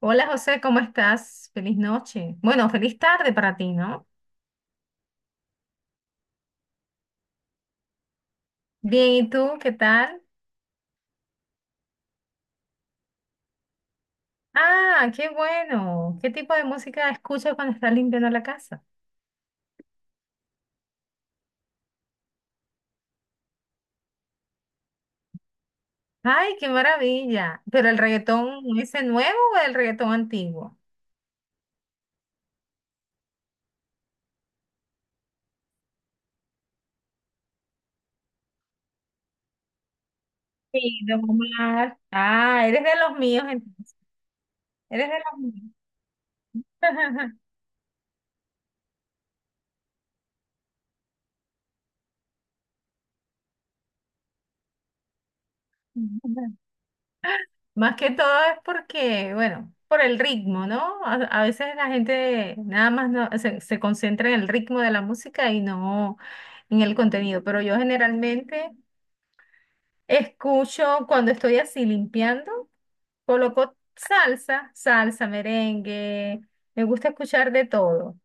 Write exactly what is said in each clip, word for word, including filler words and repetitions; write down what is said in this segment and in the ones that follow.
Hola José, ¿cómo estás? Feliz noche. Bueno, feliz tarde para ti, ¿no? Bien, ¿y tú qué tal? Ah, qué bueno. ¿Qué tipo de música escuchas cuando estás limpiando la casa? Ay, qué maravilla. ¿Pero el reggaetón ese nuevo o el reggaetón antiguo? Sí, Don Omar. Ah, eres de los míos entonces. Eres de los míos. Más que todo es porque, bueno, por el ritmo, ¿no? A, a veces la gente nada más no, se, se concentra en el ritmo de la música y no en el contenido. Pero yo generalmente escucho cuando estoy así limpiando, coloco salsa, salsa, merengue, me gusta escuchar de todo.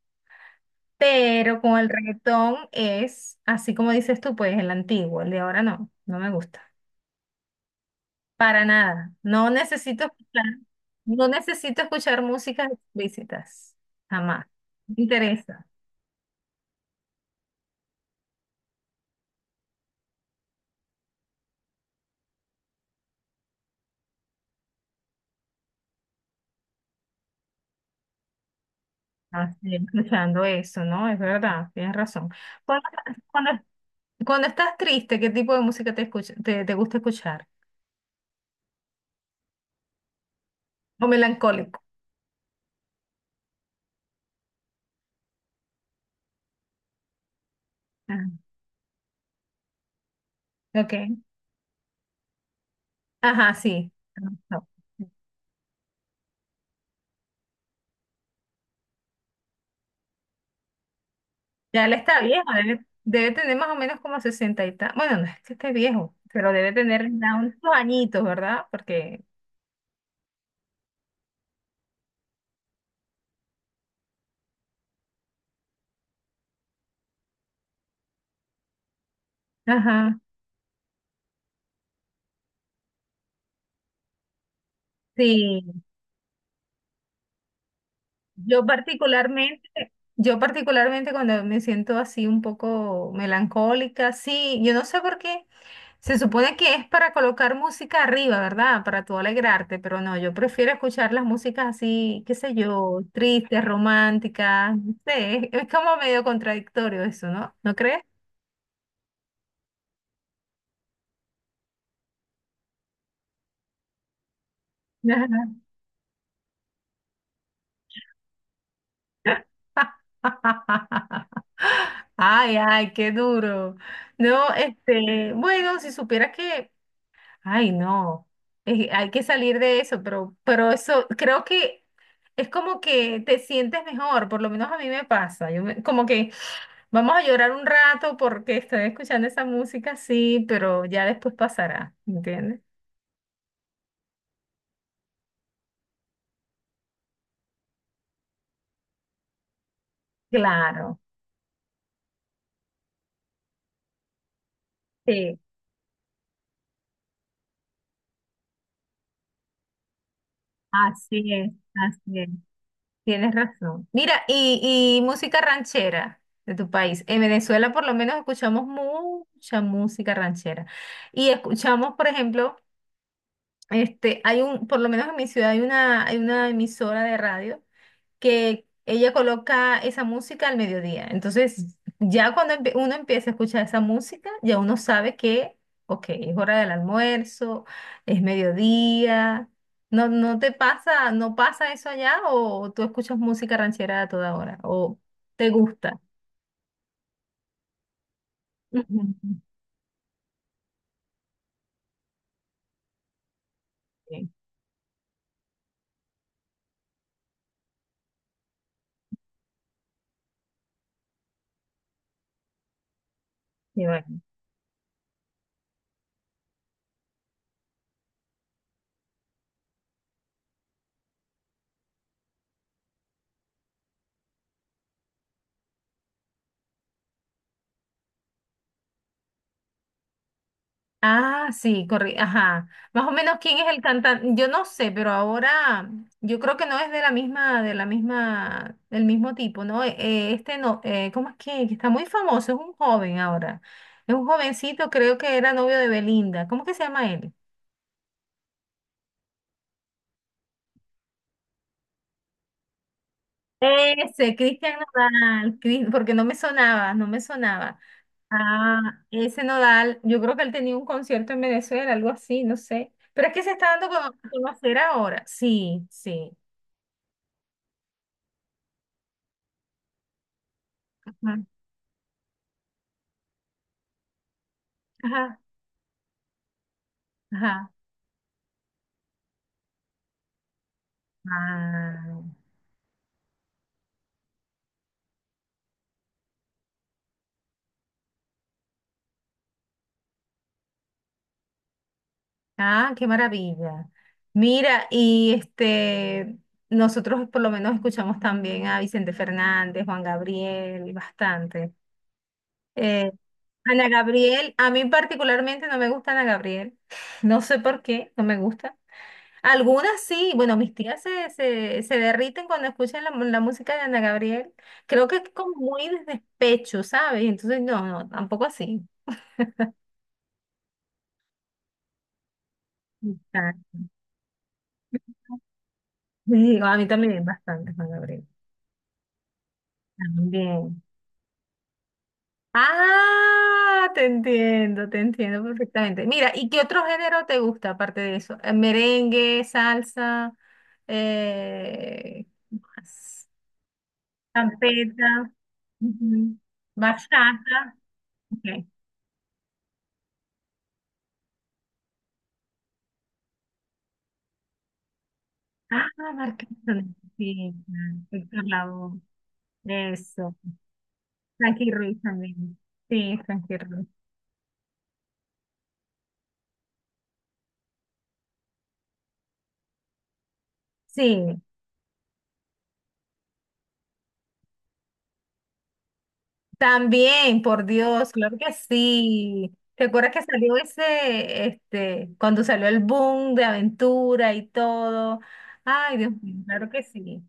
Pero con el reggaetón es, así como dices tú, pues el antiguo, el de ahora no, no me gusta. Para nada. No necesito escuchar, no necesito escuchar músicas explícitas. Jamás. No me interesa. Ah, sí, escuchando eso, ¿no? Es verdad, tienes razón. Cuando, cuando- Cuando estás triste, ¿qué tipo de música te escucha, te, te gusta escuchar? O melancólico. Ajá. Ok. Ajá, sí. No. Ya él está viejo, debe, debe tener más o menos como sesenta y tal. Bueno, no es que esté viejo, pero debe tener ya unos añitos, ¿verdad? Porque, ajá, sí, yo particularmente, yo particularmente cuando me siento así un poco melancólica, sí, yo no sé por qué. Se supone que es para colocar música arriba, ¿verdad? Para tú alegrarte, pero no, yo prefiero escuchar las músicas así, qué sé yo, tristes, románticas, no sé, es, es como medio contradictorio eso, ¿no? ¿No crees? Ay, ay, qué duro. No, este, bueno, si supieras que Ay, no. Eh, hay que salir de eso, pero, pero eso creo que es como que te sientes mejor, por lo menos a mí me pasa. Yo me- como que vamos a llorar un rato porque estoy escuchando esa música, sí, pero ya después pasará, ¿entiendes? Claro, sí, así es, así es. Tienes razón. Mira, y, y música ranchera de tu país. En Venezuela por lo menos escuchamos mucha música ranchera. Y escuchamos, por ejemplo, este, hay un, por lo menos en mi ciudad hay una, hay una emisora de radio que ella coloca esa música al mediodía. Entonces, ya cuando empie- uno empieza a escuchar esa música, ya uno sabe que, ok, es hora del almuerzo, es mediodía. No, no te pasa, no pasa eso allá o tú escuchas música ranchera a toda hora o te gusta. Ujú. Sí, sí, bueno. Ah, sí, correcto. Ajá. Más o menos quién es el cantante. Yo no sé, pero ahora yo creo que no es de la misma, de la misma, del mismo tipo, ¿no? Eh, eh, este no, eh, ¿cómo es que? Que está muy famoso, es un joven ahora. Es un jovencito, creo que era novio de Belinda. ¿Cómo que se llama él? Ese, Cristian Nodal, Cris- porque no me sonaba, no me sonaba. Ah, ese Nodal, yo creo que él tenía un concierto en Venezuela, algo así, no sé. Pero es que se está dando a cono- a conocer ahora. Sí, sí. Ajá, ajá. Ah, ah, qué maravilla. Mira, y este, nosotros por lo menos escuchamos también a Vicente Fernández, Juan Gabriel, bastante. Eh, Ana Gabriel, a mí particularmente no me gusta Ana Gabriel. No sé por qué, no me gusta. Algunas sí, bueno, mis tías se, se, se derriten cuando escuchan la, mu- la música de Ana Gabriel. Creo que es como muy de despecho, ¿sabes? Entonces, no, no, tampoco así. Sí, a mí también bastante, Juan Gabriel. También. Ah, te entiendo, te entiendo perfectamente. Mira, ¿y qué otro género te gusta aparte de eso? Eh, Merengue, salsa, eh, ¿qué más? Champeta, ujú, bachata. Ok. Ah, Marqués Sonido, sí, claro, Héctor Lavoe, eso. Frankie Ruiz también. Sí, Frankie Ruiz. Sí, también, por Dios, claro que sí. ¿Te acuerdas que salió ese, este, cuando salió el boom de aventura y todo? Ay, Dios mío, claro que sí.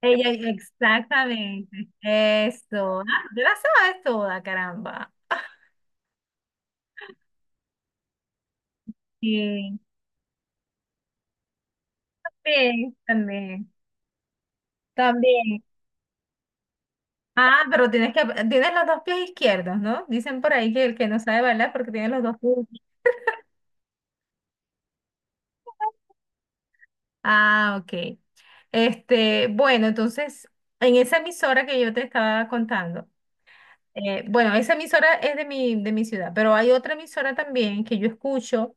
Ella, exactamente, eso. Ah, te la sabes toda, caramba. Sí, también, también, también. Ah, pero tienes que, tienes los dos pies izquierdos, ¿no? Dicen por ahí que el que no sabe bailar porque tiene los dos pies. Ah, ok. Este, bueno, entonces, en esa emisora que yo te estaba contando, eh, bueno, esa emisora es de mi, de mi ciudad, pero hay otra emisora también que yo escucho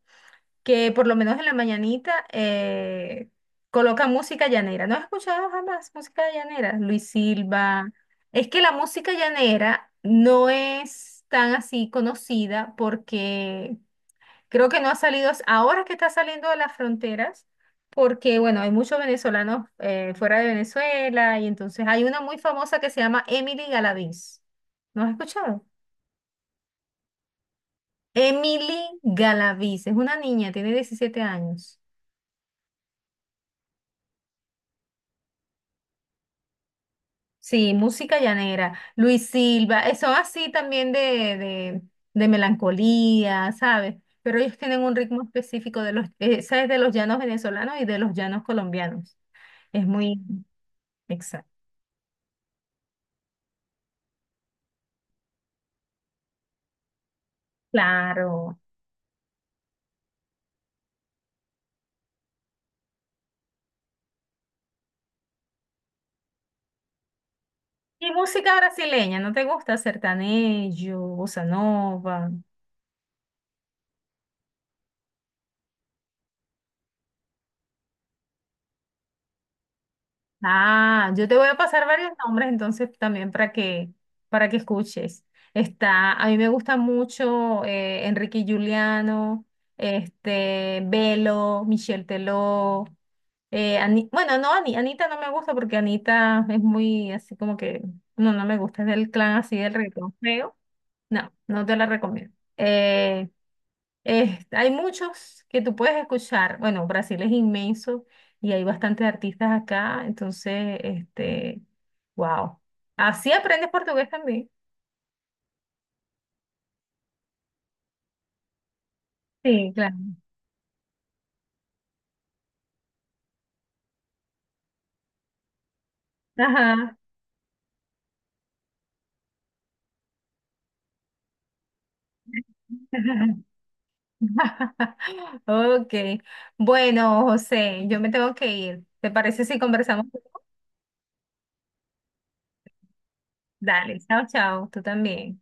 que por lo menos en la mañanita eh, coloca música llanera. ¿No has escuchado jamás música llanera? Luis Silva. Es que la música llanera no es tan así conocida porque creo que no ha salido, ahora que está saliendo de las fronteras, porque bueno, hay muchos venezolanos eh, fuera de Venezuela y entonces hay una muy famosa que se llama Emily Galaviz. ¿No has escuchado? Emily Galaviz, es una niña, tiene diecisiete años. Sí, música llanera. Luis Silva, eh, son así también de, de, de melancolía, ¿sabes? Pero ellos tienen un ritmo específico de los, eh, ¿sabes? De los llanos venezolanos y de los llanos colombianos. Es muy exacto. Claro. Y música brasileña, ¿no te gusta? Sertanejo, bossa nova. Ah, yo te voy a pasar varios nombres entonces también para que, para que escuches. Está, a mí me gusta mucho eh, Enrique y Juliano, este, Belo, Michel Teló, eh, Ani- bueno, no, Ani- Anita no me gusta porque Anita es muy así como que, no, no me gusta, es del clan así del reggaetón feo. No, no te la recomiendo. Eh, Eh, hay muchos que tú puedes escuchar. Bueno, Brasil es inmenso y hay bastantes artistas acá, entonces, este, wow. Así aprendes portugués también. Sí, claro. Ajá. Ok. Bueno, José, yo me tengo que ir. ¿Te parece si conversamos? Dale, chao, chao, tú también.